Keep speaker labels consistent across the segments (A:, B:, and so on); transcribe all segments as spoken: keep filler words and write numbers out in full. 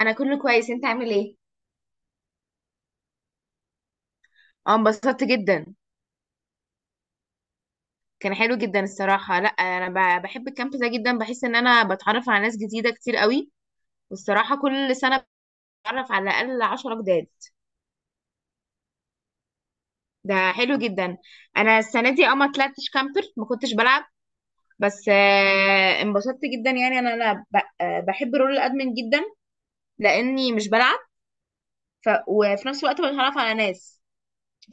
A: انا كله كويس، انت عامل ايه؟ اه انبسطت جدا. كان حلو جدا الصراحه، لا انا ب- بحب الكامب ده جدا، بحس ان انا بتعرف على ناس جديده كتير قوي. والصراحه كل سنه بتعرف على الاقل عشرة جداد. ده حلو جدا. انا السنه دي اه ما طلعتش كامبر، ما كنتش بلعب. بس آه، انبسطت جدا، يعني انا انا ب- آه، بحب رول الادمن جدا لاني مش بلعب. ف... وفي نفس الوقت بتعرف على ناس،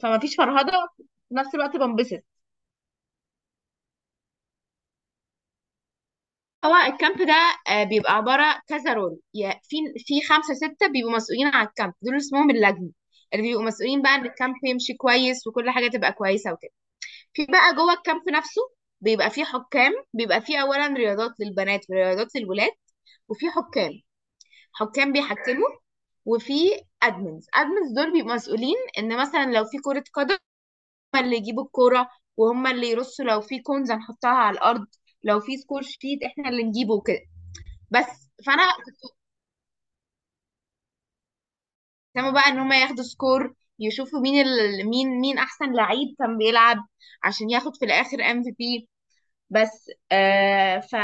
A: فما فيش فرهده، في نفس الوقت بنبسط. هو الكامب ده آه، بيبقى عبارة كذا رول، يا- في في خمسة ستة بيبقوا مسؤولين على الكامب، دول اسمهم اللجنة، اللي بيبقوا مسؤولين بقى ان الكامب يمشي كويس وكل حاجة تبقى كويسة وكده. في بقى جوه الكامب نفسه بيبقى في حكام، بيبقى في أولا رياضات للبنات ورياضات للولاد، وفي حكام، حكام بيحكموا. وفي أدمنز، أدمنز دول بيبقوا مسؤولين ان مثلا لو في كرة قدم هم اللي يجيبوا الكورة، وهم اللي يرصوا لو في كونز هنحطها على الأرض، لو في سكور شيت احنا اللي نجيبه وكده. بس فانا كنت مهتمه بقى ان هم ياخدوا سكور يشوفوا مين ال... مين مين احسن لعيب كان بيلعب عشان ياخد في الاخر ام في بي. بس آه ف...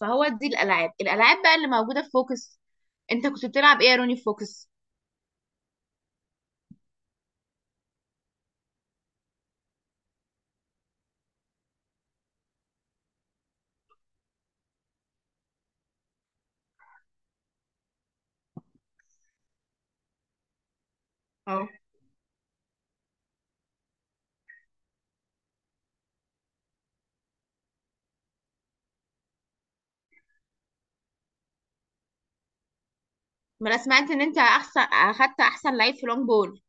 A: فهو دي الالعاب الالعاب بقى اللي موجوده في فوكس. انت كنت بتلعب ايه يا روني في فوكس؟ اه، ما انا سمعت ان انت احسن، اخدت احسن لعيب في لونج بول.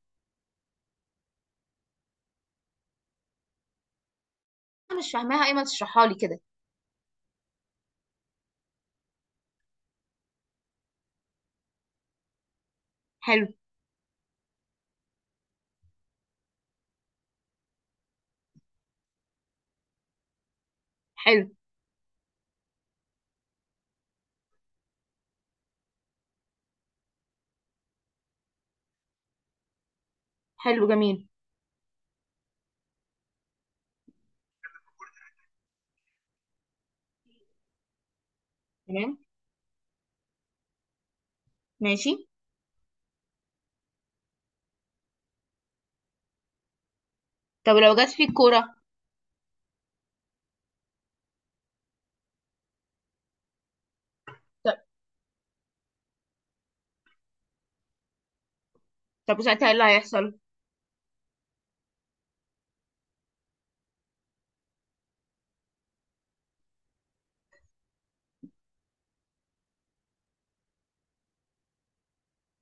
A: انا مش فاهماها، ايه ما تشرحها لي كده. حلو. حلو. حلو جميل. تمام. ماشي. طب لو جت فيك كوره. طب. طب وساعتها ايه اللي هيحصل؟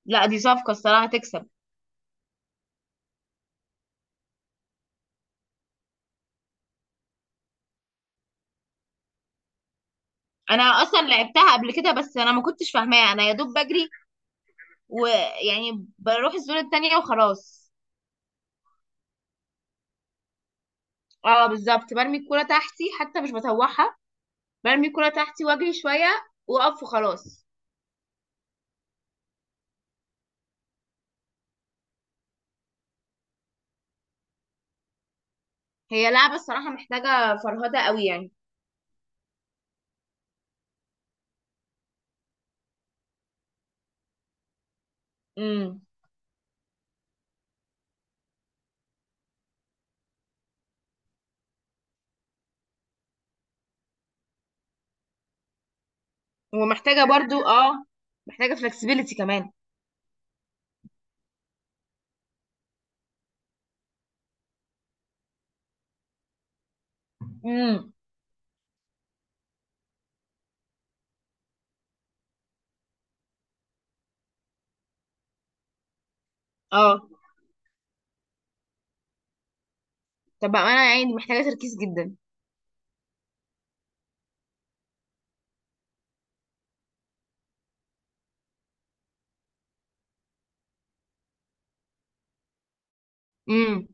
A: لا دي صفقه الصراحه هتكسب. انا اصلا لعبتها قبل كده بس انا ما كنتش فاهماها، انا يا دوب بجري ويعني بروح الزون التانية وخلاص. اه بالظبط، برمي الكرة تحتي حتى مش بطوحها، برمي الكرة تحتي واجري شوية، واقف وخلاص. هي لعبة الصراحة محتاجة فرهدة قوي يعني. امم ومحتاجة برضو، اه محتاجة فلكسبيليتي كمان. امم اه، طب انا يعني محتاجة تركيز جدا. امم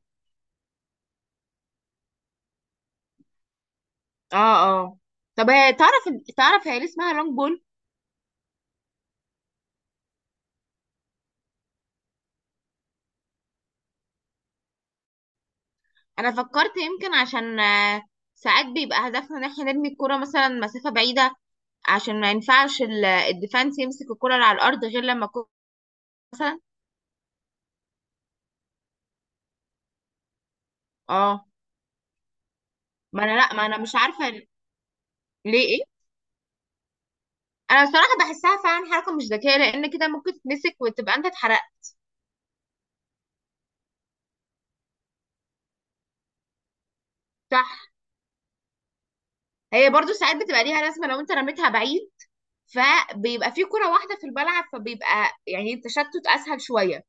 A: اه. اه طب هي تعرف، تعرف هي ليه اسمها لونج بول؟ انا فكرت يمكن عشان آه، ساعات بيبقى هدفنا ان احنا نرمي الكرة مثلا مسافة بعيدة، عشان ما ينفعش ال- الديفنس يمسك الكرة اللي على الارض غير لما الكرة مثلا. اه ما انا، لا ما انا مش عارفة. ليه؟ ايه؟ انا الصراحة بحسها فعلا حركة مش ذكية، لان كده ممكن تتمسك وتبقى انت اتحرقت. صح، هي برضو ساعات بتبقى ليها لازمة لو انت رميتها بعيد، فبيبقى في كرة واحدة في الملعب فبيبقى يعني التشتت اسهل شوية.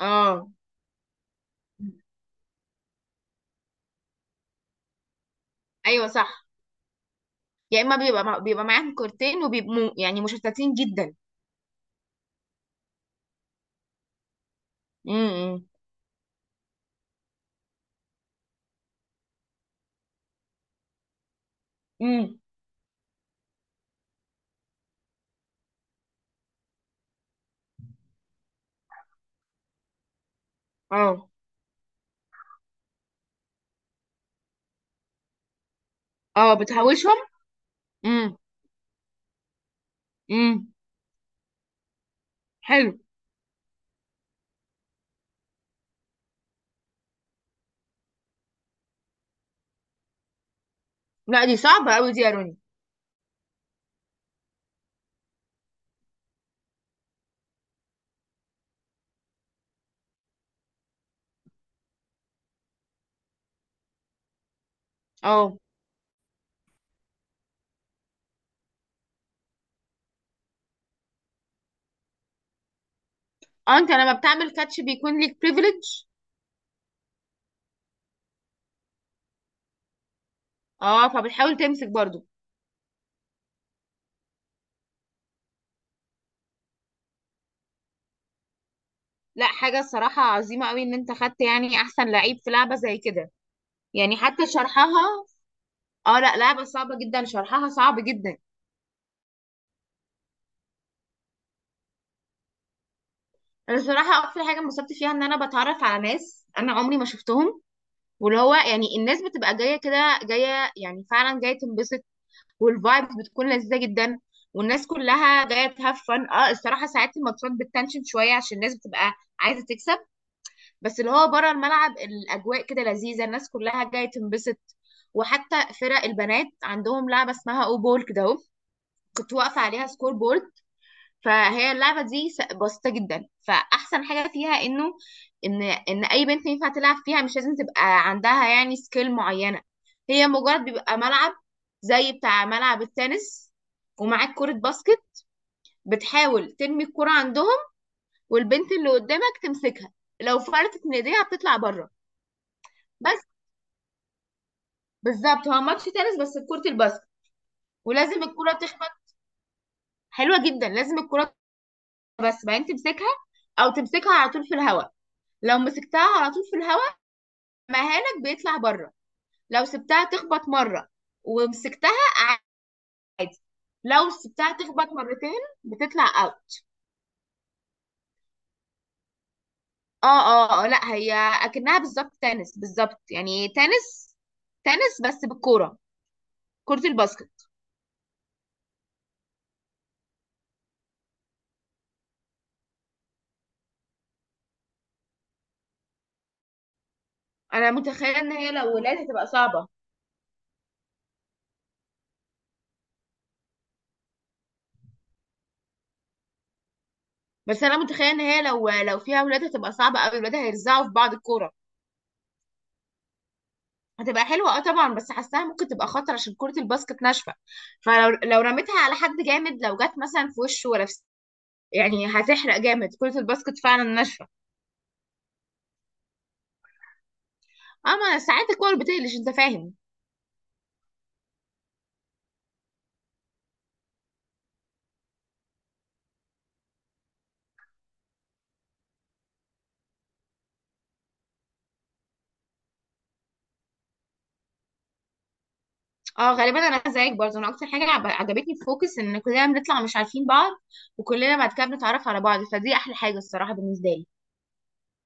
A: اه ايوه صح، يا اما بيبقى بيبقى معاهم كورتين وبيبقوا يعني مشتتين جدا. امم امم اه اه بتحوشهم. امم امم حلو. لا دي صعبة قوي دي يا روني. اه، اه انت لما بتعمل كاتش بيكون ليك بريفليج. اه فبتحاول تمسك برضو. لا حاجة الصراحة عظيمة قوي ان انت خدت يعني احسن لعيب في لعبة زي كده، يعني حتى شرحها، اه لا لعبة صعبة جدا، شرحها صعب جدا. انا الصراحة اكتر حاجة انبسطت فيها ان انا بتعرف على ناس انا عمري ما شفتهم، واللي هو يعني الناس بتبقى جاية كده، جاية يعني فعلا جاية تنبسط، والفايبز بتكون لذيذة جدا، والناس كلها جاية تهاف فن. اه الصراحة ساعات الماتشات بتنشن شوية عشان الناس بتبقى عايزة تكسب، بس اللي هو بره الملعب الأجواء كده لذيذة، الناس كلها جاية تنبسط. وحتى فرق البنات عندهم لعبة اسمها او بول كده اهو، كنت واقفة عليها سكور بول. فهي اللعبة دي س- بسيطة جدا، فأحسن حاجة فيها إنه إن إن أي بنت ينفع تلعب فيها، مش لازم تبقى عندها يعني سكيل معينة. هي مجرد بيبقى ملعب زي بتاع ملعب التنس ومعاك كرة باسكت، بتحاول ترمي الكرة عندهم والبنت اللي قدامك تمسكها، لو فلتت من ايديها بتطلع بره. بس بالظبط هو ماتش تنس بس بكرة الباسكت، ولازم الكرة تخبط. حلوة جدا، لازم الكرة بس بعدين تمسكها، أو تمسكها على طول في الهواء. لو مسكتها على طول في الهواء مهانك بيطلع بره. لو سبتها تخبط مرة ومسكتها عادي، لو سبتها تخبط مرتين بتطلع اوت. اه اه آه، لا هي اكنها بالظبط تنس، بالظبط يعني تنس تنس بس بالكورة، كرة الباسكت. انا متخيلة ان هي لو ولاد هتبقى صعبة. بس انا متخيلة ان هي لو لو فيها ولاد هتبقى صعبة قوي، الولاد هيرزعوا في بعض الكورة. هتبقى حلوة اه طبعا، بس حاساها ممكن تبقى خطر عشان كرة الباسكت ناشفة، فلو لو رميتها على حد جامد لو جت مثلا في وشه ولا في، يعني هتحرق جامد، كرة الباسكت فعلا ناشفة. اما ساعات الكور بتقلش انت فاهم. اه غالبا انا زيك برضه، انا اكتر حاجة عب- عجبتني في فوكس ان كلنا بنطلع مش عارفين بعض وكلنا بعد كده بنتعرف على بعض، فدي احلى حاجة الصراحة بالنسبة لي